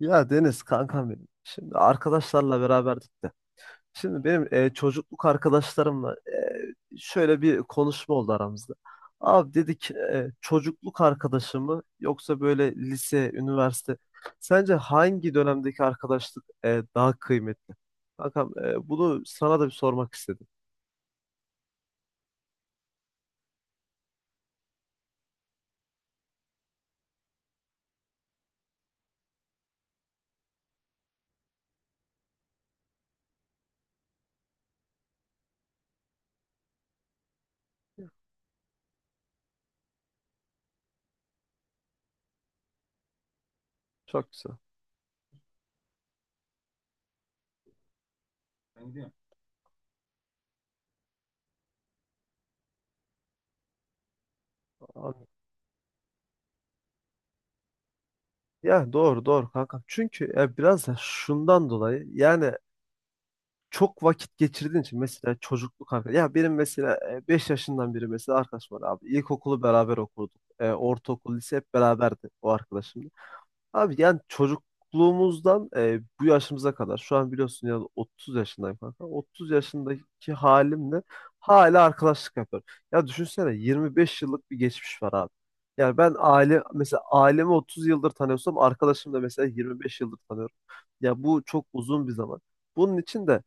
Ya Deniz kankam benim. Şimdi arkadaşlarla beraberdik de. Şimdi benim çocukluk arkadaşlarımla şöyle bir konuşma oldu aramızda. Abi dedik çocukluk arkadaşı mı yoksa böyle lise, üniversite. Sence hangi dönemdeki arkadaşlık daha kıymetli? Kankam bunu sana da bir sormak istedim. Çok güzel. Abi, ya doğru doğru kankam. Çünkü biraz da şundan dolayı yani çok vakit geçirdiğin için mesela çocukluk arkadaş. Ya benim mesela 5 yaşından beri mesela arkadaş var abi. İlkokulu beraber okuduk. Ortaokul, lise hep beraberdi o arkadaşım. Abi yani çocukluğumuzdan bu yaşımıza kadar şu an biliyorsun ya 30 yaşındayım kanka. 30 yaşındaki halimle hala arkadaşlık yapıyorum. Ya düşünsene 25 yıllık bir geçmiş var abi. Yani ben aile mesela ailemi 30 yıldır tanıyorsam arkadaşım da mesela 25 yıldır tanıyorum. Ya bu çok uzun bir zaman. Bunun için de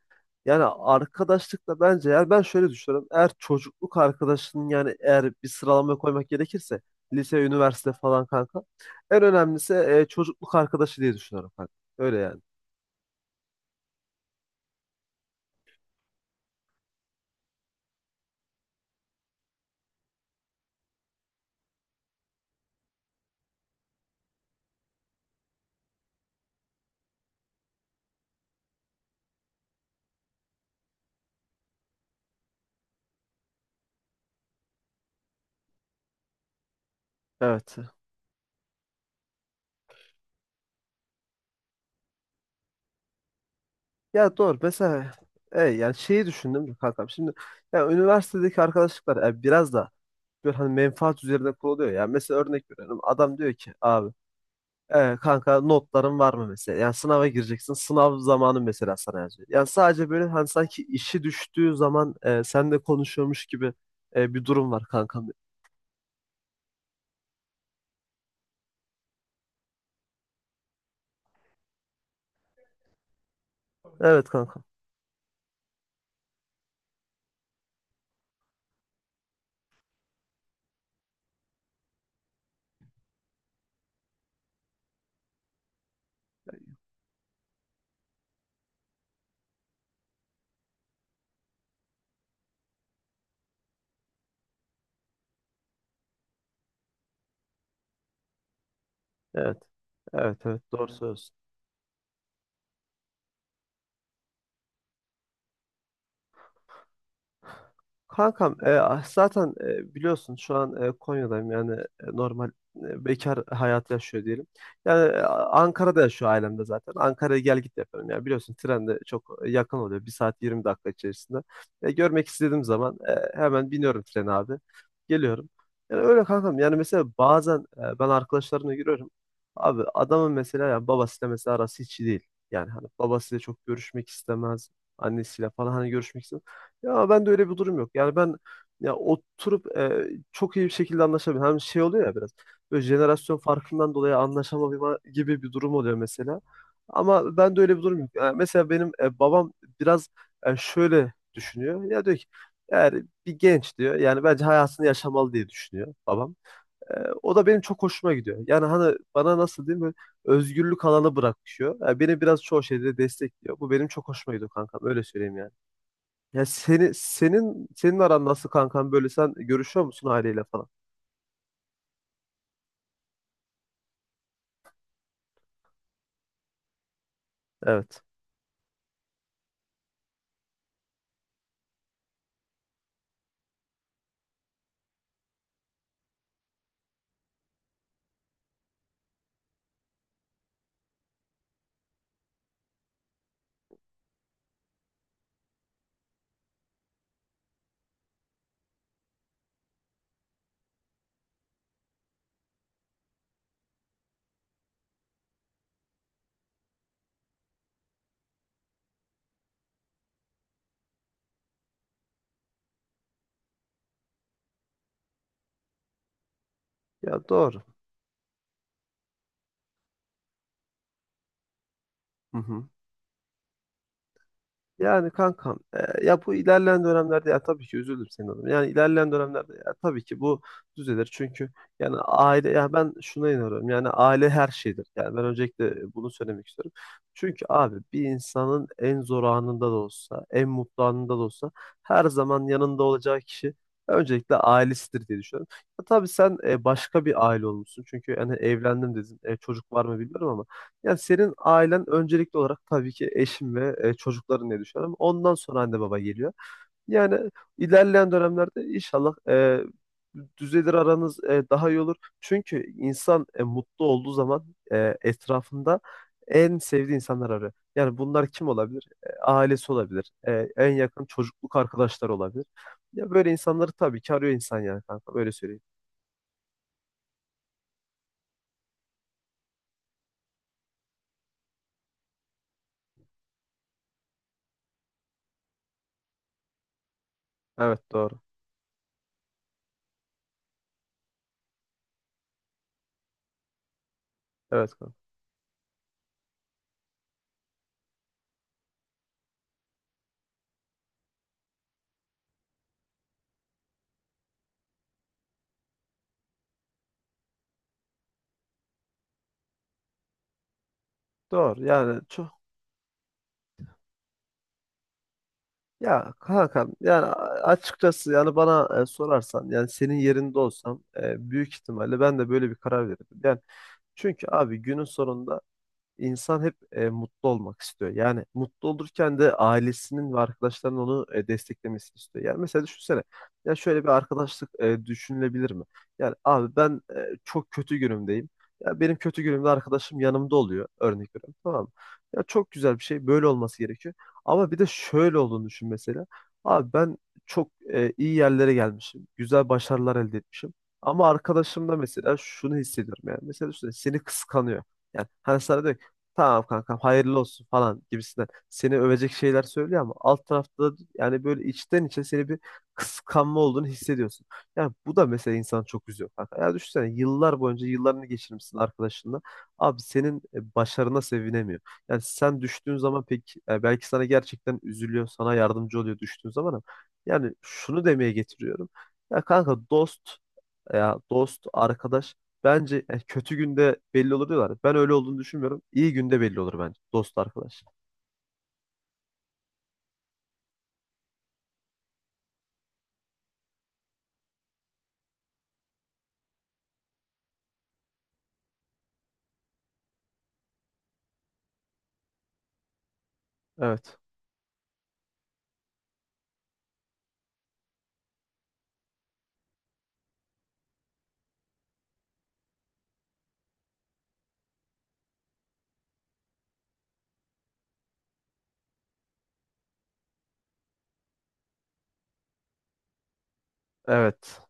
yani arkadaşlıkla bence yani ben şöyle düşünüyorum. Eğer çocukluk arkadaşının yani eğer bir sıralamaya koymak gerekirse lise, üniversite falan kanka en önemlisi çocukluk arkadaşı diye düşünüyorum kanka. Öyle yani. Evet. Ya doğru. Mesela yani şeyi düşündüm de kankam. Şimdi ya üniversitedeki arkadaşlıklar biraz da böyle hani menfaat üzerine kuruluyor. Yani mesela örnek veriyorum. Adam diyor ki abi kanka notların var mı mesela? Yani sınava gireceksin. Sınav zamanı mesela sana yazıyor. Yani sadece böyle hani sanki işi düştüğü zaman seninle konuşuyormuş gibi bir durum var kankam. Evet kankam. Evet. Evet, evet, doğru söylüyorsun. Kankam zaten biliyorsun şu an Konya'dayım yani normal bekar hayatı yaşıyor diyelim. Yani Ankara'da yaşıyor ailem de zaten. Ankara'ya gel git yapıyorum. Yani biliyorsun tren de çok yakın oluyor. 1 saat 20 dakika içerisinde. Görmek istediğim zaman hemen biniyorum trene abi. Geliyorum. Yani öyle kankam. Yani mesela bazen ben arkadaşlarımla giriyorum. Abi adamın mesela yani babasıyla mesela arası hiç iyi değil. Yani hani babasıyla çok görüşmek istemez. Annesiyle falan hani görüşmek istemez. Ya ben de öyle bir durum yok. Yani ben ya oturup çok iyi bir şekilde anlaşabilirim. Hem şey oluyor ya biraz böyle jenerasyon farkından dolayı anlaşamama gibi bir durum oluyor mesela. Ama ben de öyle bir durum yok. Yani mesela benim babam biraz şöyle düşünüyor. Ya diyor ki yani bir genç diyor. Yani bence hayatını yaşamalı diye düşünüyor babam. E, O da benim çok hoşuma gidiyor. Yani hani bana nasıl diyeyim böyle özgürlük alanı bırakıyor. Yani beni biraz çoğu şeyde destekliyor. Bu benim çok hoşuma gidiyor kankam. Öyle söyleyeyim yani. Ya senin aran nasıl kankan, böyle sen görüşüyor musun aileyle falan? Evet. Ya doğru. Hı hı. Yani kankam ya bu ilerleyen dönemlerde ya tabii ki üzüldüm senin adına. Yani ilerleyen dönemlerde ya tabii ki bu düzelir. Çünkü yani aile, ya ben şuna inanıyorum. Yani aile her şeydir. Yani ben öncelikle bunu söylemek istiyorum. Çünkü abi bir insanın en zor anında da olsa, en mutlu anında da olsa her zaman yanında olacağı kişi öncelikle ailesidir diye düşünüyorum. Ya tabii sen başka bir aile olmuşsun. Çünkü yani evlendim dedin. Çocuk var mı bilmiyorum ama yani senin ailen öncelikli olarak tabii ki eşin ve çocukların diye düşünüyorum. Ondan sonra anne baba geliyor. Yani ilerleyen dönemlerde inşallah düzelir aranız, daha iyi olur. Çünkü insan mutlu olduğu zaman etrafında en sevdiği insanlar arıyor. Yani bunlar kim olabilir? Ailesi olabilir. En yakın çocukluk arkadaşları olabilir. Ya böyle insanları tabii ki arıyor insan yani kanka. Böyle söyleyeyim. Evet, doğru. Evet kanka. Doğru. Yani çok. Ya Hakan, yani açıkçası yani bana sorarsan yani senin yerinde olsam büyük ihtimalle ben de böyle bir karar verirdim. Yani çünkü abi günün sonunda İnsan hep mutlu olmak istiyor. Yani mutlu olurken de ailesinin ve arkadaşlarının onu desteklemesini istiyor. Yani mesela düşünsene. Ya şöyle bir arkadaşlık düşünülebilir mi? Yani abi ben çok kötü günümdeyim. Ya benim kötü günümde arkadaşım yanımda oluyor. Örnek veriyorum. Tamam mı? Ya çok güzel bir şey. Böyle olması gerekiyor. Ama bir de şöyle olduğunu düşün mesela. Abi ben çok iyi yerlere gelmişim. Güzel başarılar elde etmişim. Ama arkadaşım da mesela şunu hissediyorum yani. Mesela düşünsene seni kıskanıyor. Yani hani sana diyor ki, tamam kankam hayırlı olsun falan gibisinden seni övecek şeyler söylüyor ama alt tarafta da yani böyle içten içe seni bir kıskanma olduğunu hissediyorsun. Yani bu da mesela insanı çok üzüyor kanka. Ya düşünsene yıllar boyunca yıllarını geçirmişsin arkadaşınla. Abi senin başarına sevinemiyor. Yani sen düştüğün zaman pek belki sana gerçekten üzülüyor, sana yardımcı oluyor düştüğün zaman, ama yani şunu demeye getiriyorum. Ya kanka, dost, ya dost, arkadaş, bence yani kötü günde belli olur diyorlar. Ben öyle olduğunu düşünmüyorum. İyi günde belli olur bence. Dost, arkadaş. Evet. Evet.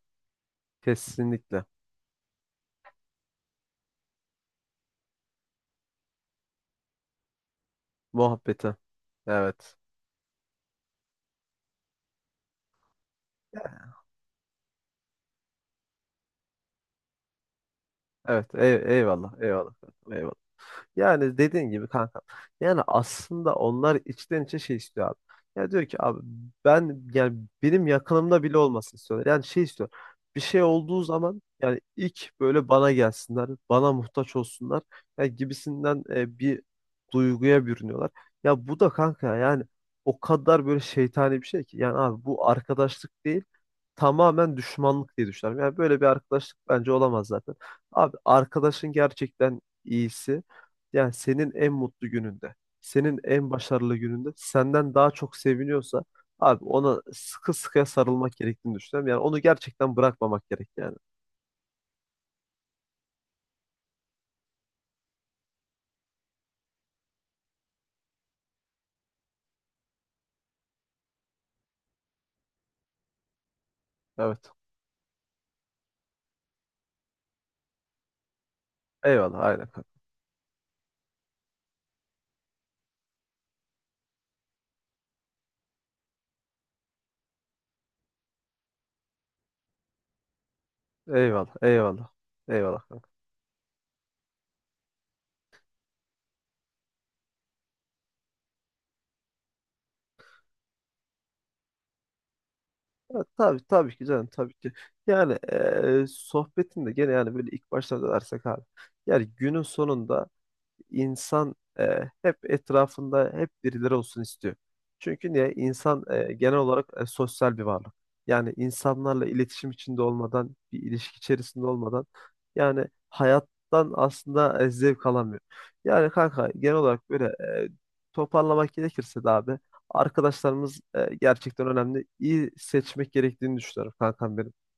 Kesinlikle. Muhabbeti. Evet. Evet. Eyvallah. Eyvallah. Eyvallah. Yani dediğin gibi kanka. Yani aslında onlar içten içe şey istiyor abi. Ya diyor ki abi ben yani benim yakınımda bile olmasını istiyorlar. Yani şey istiyor. Bir şey olduğu zaman yani ilk böyle bana gelsinler, bana muhtaç olsunlar yani gibisinden bir duyguya bürünüyorlar. Ya bu da kanka yani o kadar böyle şeytani bir şey ki. Yani abi bu arkadaşlık değil, tamamen düşmanlık diye düşünüyorum. Yani böyle bir arkadaşlık bence olamaz zaten. Abi arkadaşın gerçekten iyisi. Yani senin en mutlu gününde, senin en başarılı gününde senden daha çok seviniyorsa abi ona sıkı sıkıya sarılmak gerektiğini düşünüyorum. Yani onu gerçekten bırakmamak gerek yani. Evet. Eyvallah, aynen kanka. Eyvallah, eyvallah. Eyvallah kanka. Ya, tabii, tabii ki canım, tabii ki. Yani sohbetinde gene yani böyle ilk başta da dersek abi. Yani günün sonunda insan hep etrafında hep birileri olsun istiyor. Çünkü niye? İnsan genel olarak sosyal bir varlık. Yani insanlarla iletişim içinde olmadan, bir ilişki içerisinde olmadan yani hayattan aslında zevk alamıyor. Yani kanka genel olarak böyle e, toparlamak gerekirse de abi arkadaşlarımız gerçekten önemli. İyi seçmek gerektiğini düşünüyorum kankam benim.